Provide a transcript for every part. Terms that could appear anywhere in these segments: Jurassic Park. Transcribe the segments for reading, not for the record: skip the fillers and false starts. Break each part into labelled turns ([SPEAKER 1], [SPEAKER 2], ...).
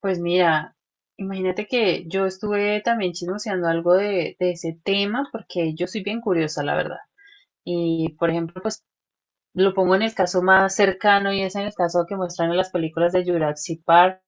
[SPEAKER 1] Pues mira, imagínate que yo estuve también chismoseando algo de ese tema porque yo soy bien curiosa, la verdad. Y, por ejemplo, pues lo pongo en el caso más cercano y es en el caso que muestran en las películas de Jurassic Park.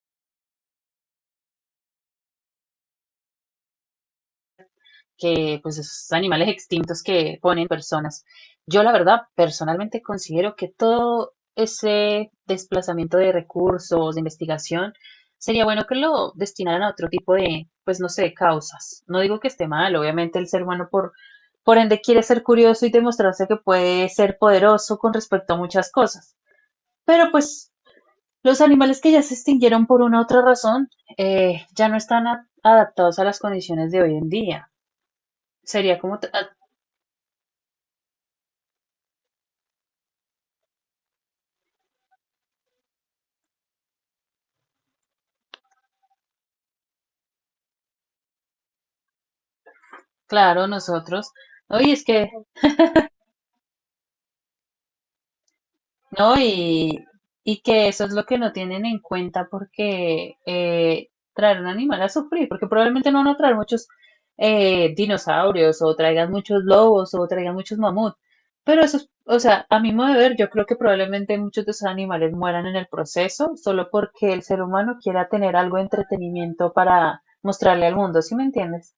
[SPEAKER 1] Que pues esos animales extintos que ponen personas. Yo la verdad personalmente considero que todo ese desplazamiento de recursos, de investigación, sería bueno que lo destinaran a otro tipo de, pues no sé, causas. No digo que esté mal, obviamente el ser humano por ende quiere ser curioso y demostrarse que puede ser poderoso con respecto a muchas cosas. Pero pues los animales que ya se extinguieron por una u otra razón ya no están adaptados a las condiciones de hoy en día. Sería como t- Claro, nosotros. No, y es que, no, y que eso es lo que no tienen en cuenta porque traer un animal a sufrir, porque probablemente no van a traer muchos dinosaurios o traigan muchos lobos o traigan muchos mamuts. Pero eso es, o sea, a mi modo de ver, yo creo que probablemente muchos de esos animales mueran en el proceso solo porque el ser humano quiera tener algo de entretenimiento para mostrarle al mundo, ¿sí me entiendes?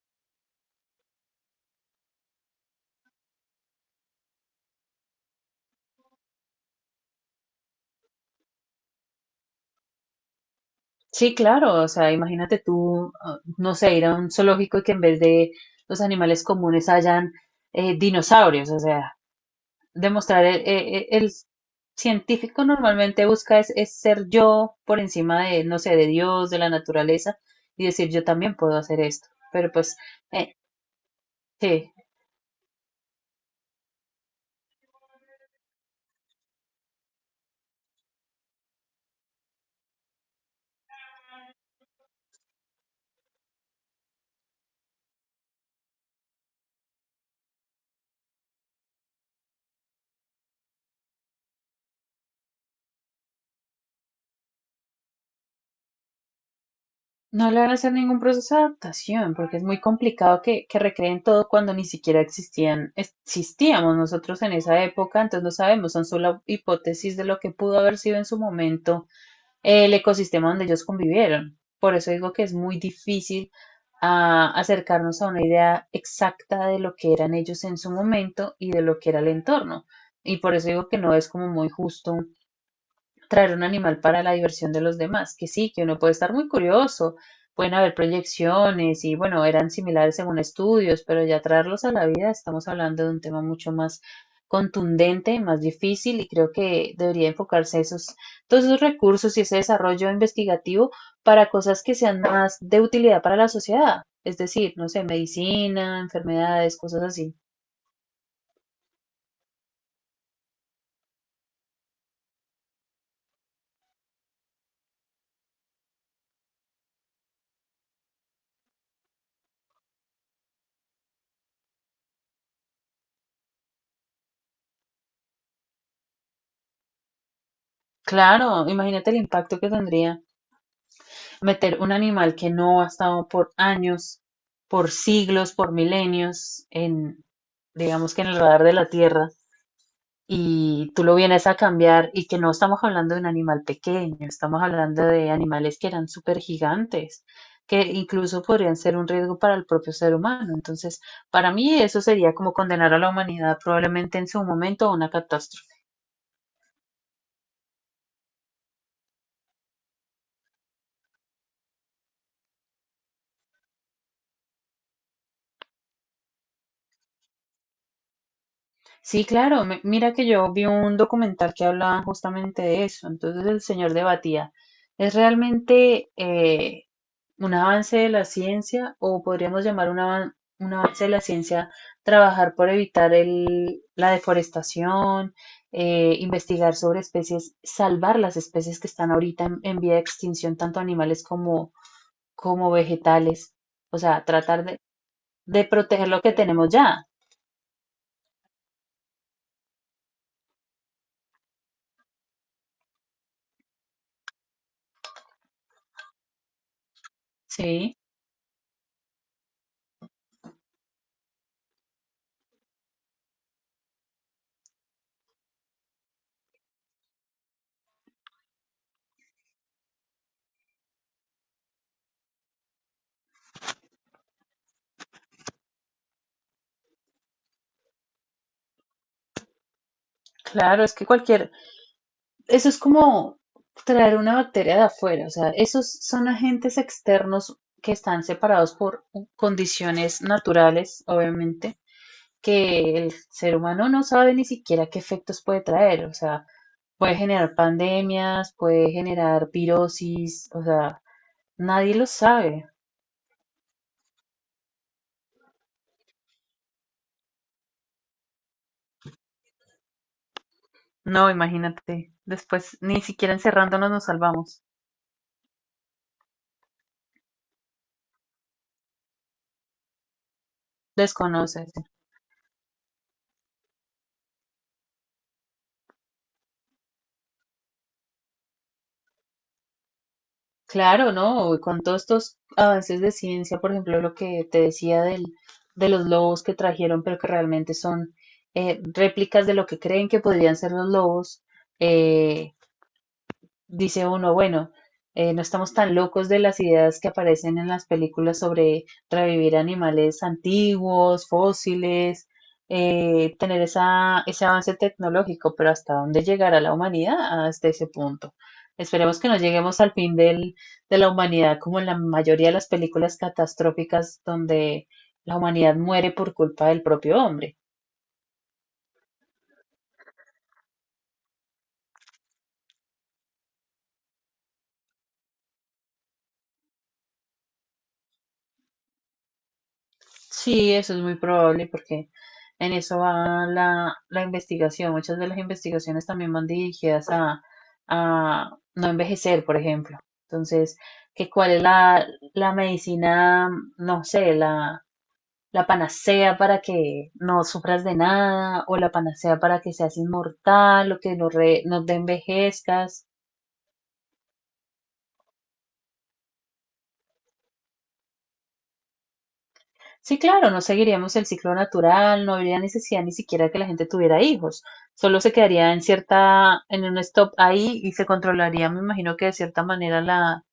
[SPEAKER 1] Sí, claro, o sea, imagínate tú, ah, no sé, ir a un zoológico y que en vez de los animales comunes hayan dinosaurios, o sea, demostrar el, el científico normalmente busca es ser yo por encima de, no sé, de Dios, de la naturaleza y decir yo también puedo hacer esto, pero pues, eh, sí, no le van a hacer ningún proceso de adaptación, porque es muy complicado que recreen todo cuando ni siquiera existían, existíamos nosotros en esa época, entonces no sabemos, son solo hipótesis de lo que pudo haber sido en su momento el ecosistema donde ellos convivieron. Por eso digo que es muy difícil acercarnos a una idea exacta de lo que eran ellos en su momento y de lo que era el entorno. Y por eso digo que no es como muy justo traer un animal para la diversión de los demás, que sí, que uno puede estar muy curioso, pueden haber proyecciones y bueno, eran similares según estudios, pero ya traerlos a la vida estamos hablando de un tema mucho más contundente, más difícil y creo que debería enfocarse esos, todos esos recursos y ese desarrollo investigativo para cosas que sean más de utilidad para la sociedad, es decir, no sé, medicina, enfermedades, cosas así. Claro, imagínate el impacto que tendría meter un animal que no ha estado por años, por siglos, por milenios, en, digamos que en el radar de la Tierra, y tú lo vienes a cambiar, y que no estamos hablando de un animal pequeño, estamos hablando de animales que eran súper gigantes, que incluso podrían ser un riesgo para el propio ser humano. Entonces, para mí eso sería como condenar a la humanidad probablemente en su momento a una catástrofe. Sí, claro, mira que yo vi un documental que hablaba justamente de eso, entonces el señor debatía, ¿es realmente un avance de la ciencia o podríamos llamar un, un avance de la ciencia trabajar por evitar la deforestación, investigar sobre especies, salvar las especies que están ahorita en vía de extinción, tanto animales como, como vegetales? O sea, tratar de proteger lo que tenemos ya, ¿sí? Claro, es que cualquier, eso es como traer una bacteria de afuera, o sea, esos son agentes externos que están separados por condiciones naturales, obviamente, que el ser humano no sabe ni siquiera qué efectos puede traer, o sea, puede generar pandemias, puede generar virosis, o sea, nadie lo sabe. No, imagínate, después ni siquiera encerrándonos nos salvamos, desconoces. Claro, ¿no? Con todos estos avances de ciencia, por ejemplo, lo que te decía del, de los lobos que trajeron, pero que realmente son réplicas de lo que creen que podrían ser los lobos, eh, dice uno, bueno, no estamos tan locos de las ideas que aparecen en las películas sobre revivir animales antiguos, fósiles, tener esa, ese avance tecnológico, pero ¿hasta dónde llegará la humanidad hasta ese punto? Esperemos que no lleguemos al fin del, de la humanidad como en la mayoría de las películas catastróficas donde la humanidad muere por culpa del propio hombre. Sí, eso es muy probable porque en eso va la, la investigación. Muchas de las investigaciones también van dirigidas a no envejecer, por ejemplo. Entonces, que cuál es la, la medicina, no sé, la panacea para que no sufras de nada, o la panacea para que seas inmortal, o que no, no te envejezcas. Sí, claro, no seguiríamos el ciclo natural, no habría necesidad ni siquiera que la gente tuviera hijos, solo se quedaría en cierta, en un stop ahí y se controlaría, me imagino que de cierta manera la,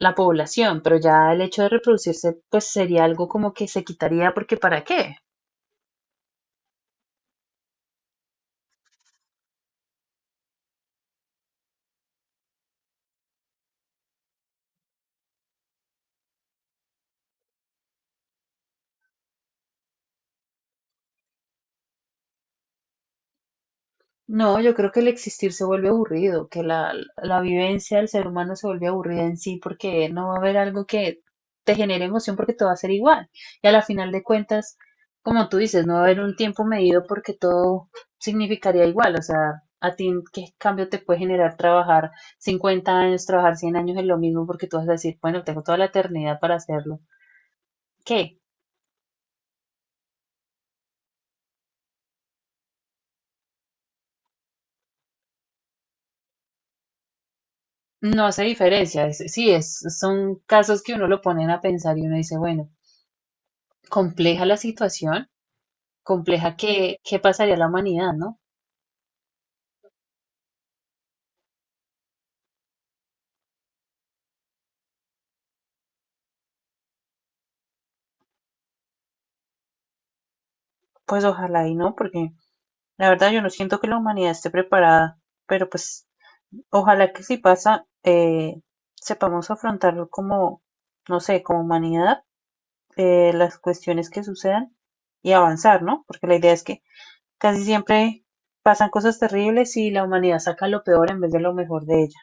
[SPEAKER 1] la población, pero ya el hecho de reproducirse pues sería algo como que se quitaría porque ¿para qué? No, yo creo que el existir se vuelve aburrido, que la vivencia del ser humano se vuelve aburrida en sí porque no va a haber algo que te genere emoción porque todo va a ser igual. Y a la final de cuentas, como tú dices, no va a haber un tiempo medido porque todo significaría igual. O sea, a ti, ¿qué cambio te puede generar trabajar 50 años, trabajar 100 años en lo mismo? Porque tú vas a decir, bueno, tengo toda la eternidad para hacerlo. ¿Qué? No hace diferencia. Es- sí, es, son casos que uno lo ponen a pensar y uno dice, bueno, compleja la situación, compleja que pasaría la humanidad, ¿no? Pues ojalá y no, porque la verdad yo no siento que la humanidad esté preparada, pero pues ojalá que si pasa, sepamos afrontarlo como, no sé, como humanidad, las cuestiones que sucedan y avanzar, ¿no? Porque la idea es que casi siempre pasan cosas terribles y la humanidad saca lo peor en vez de lo mejor de ella.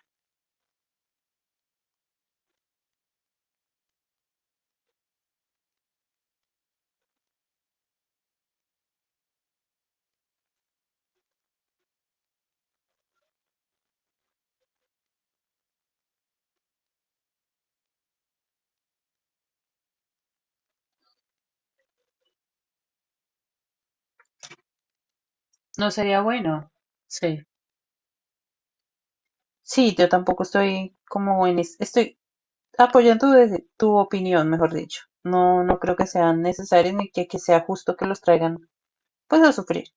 [SPEAKER 1] No sería bueno. Sí. Sí, yo tampoco estoy como en estoy apoyan tu, tu opinión, mejor dicho. No, no creo que sean necesarios ni que, que sea justo que los traigan, pues, a sufrir.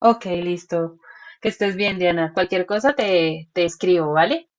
[SPEAKER 1] Ok, listo. Que estés bien, Diana. Cualquier cosa te, te escribo, ¿vale?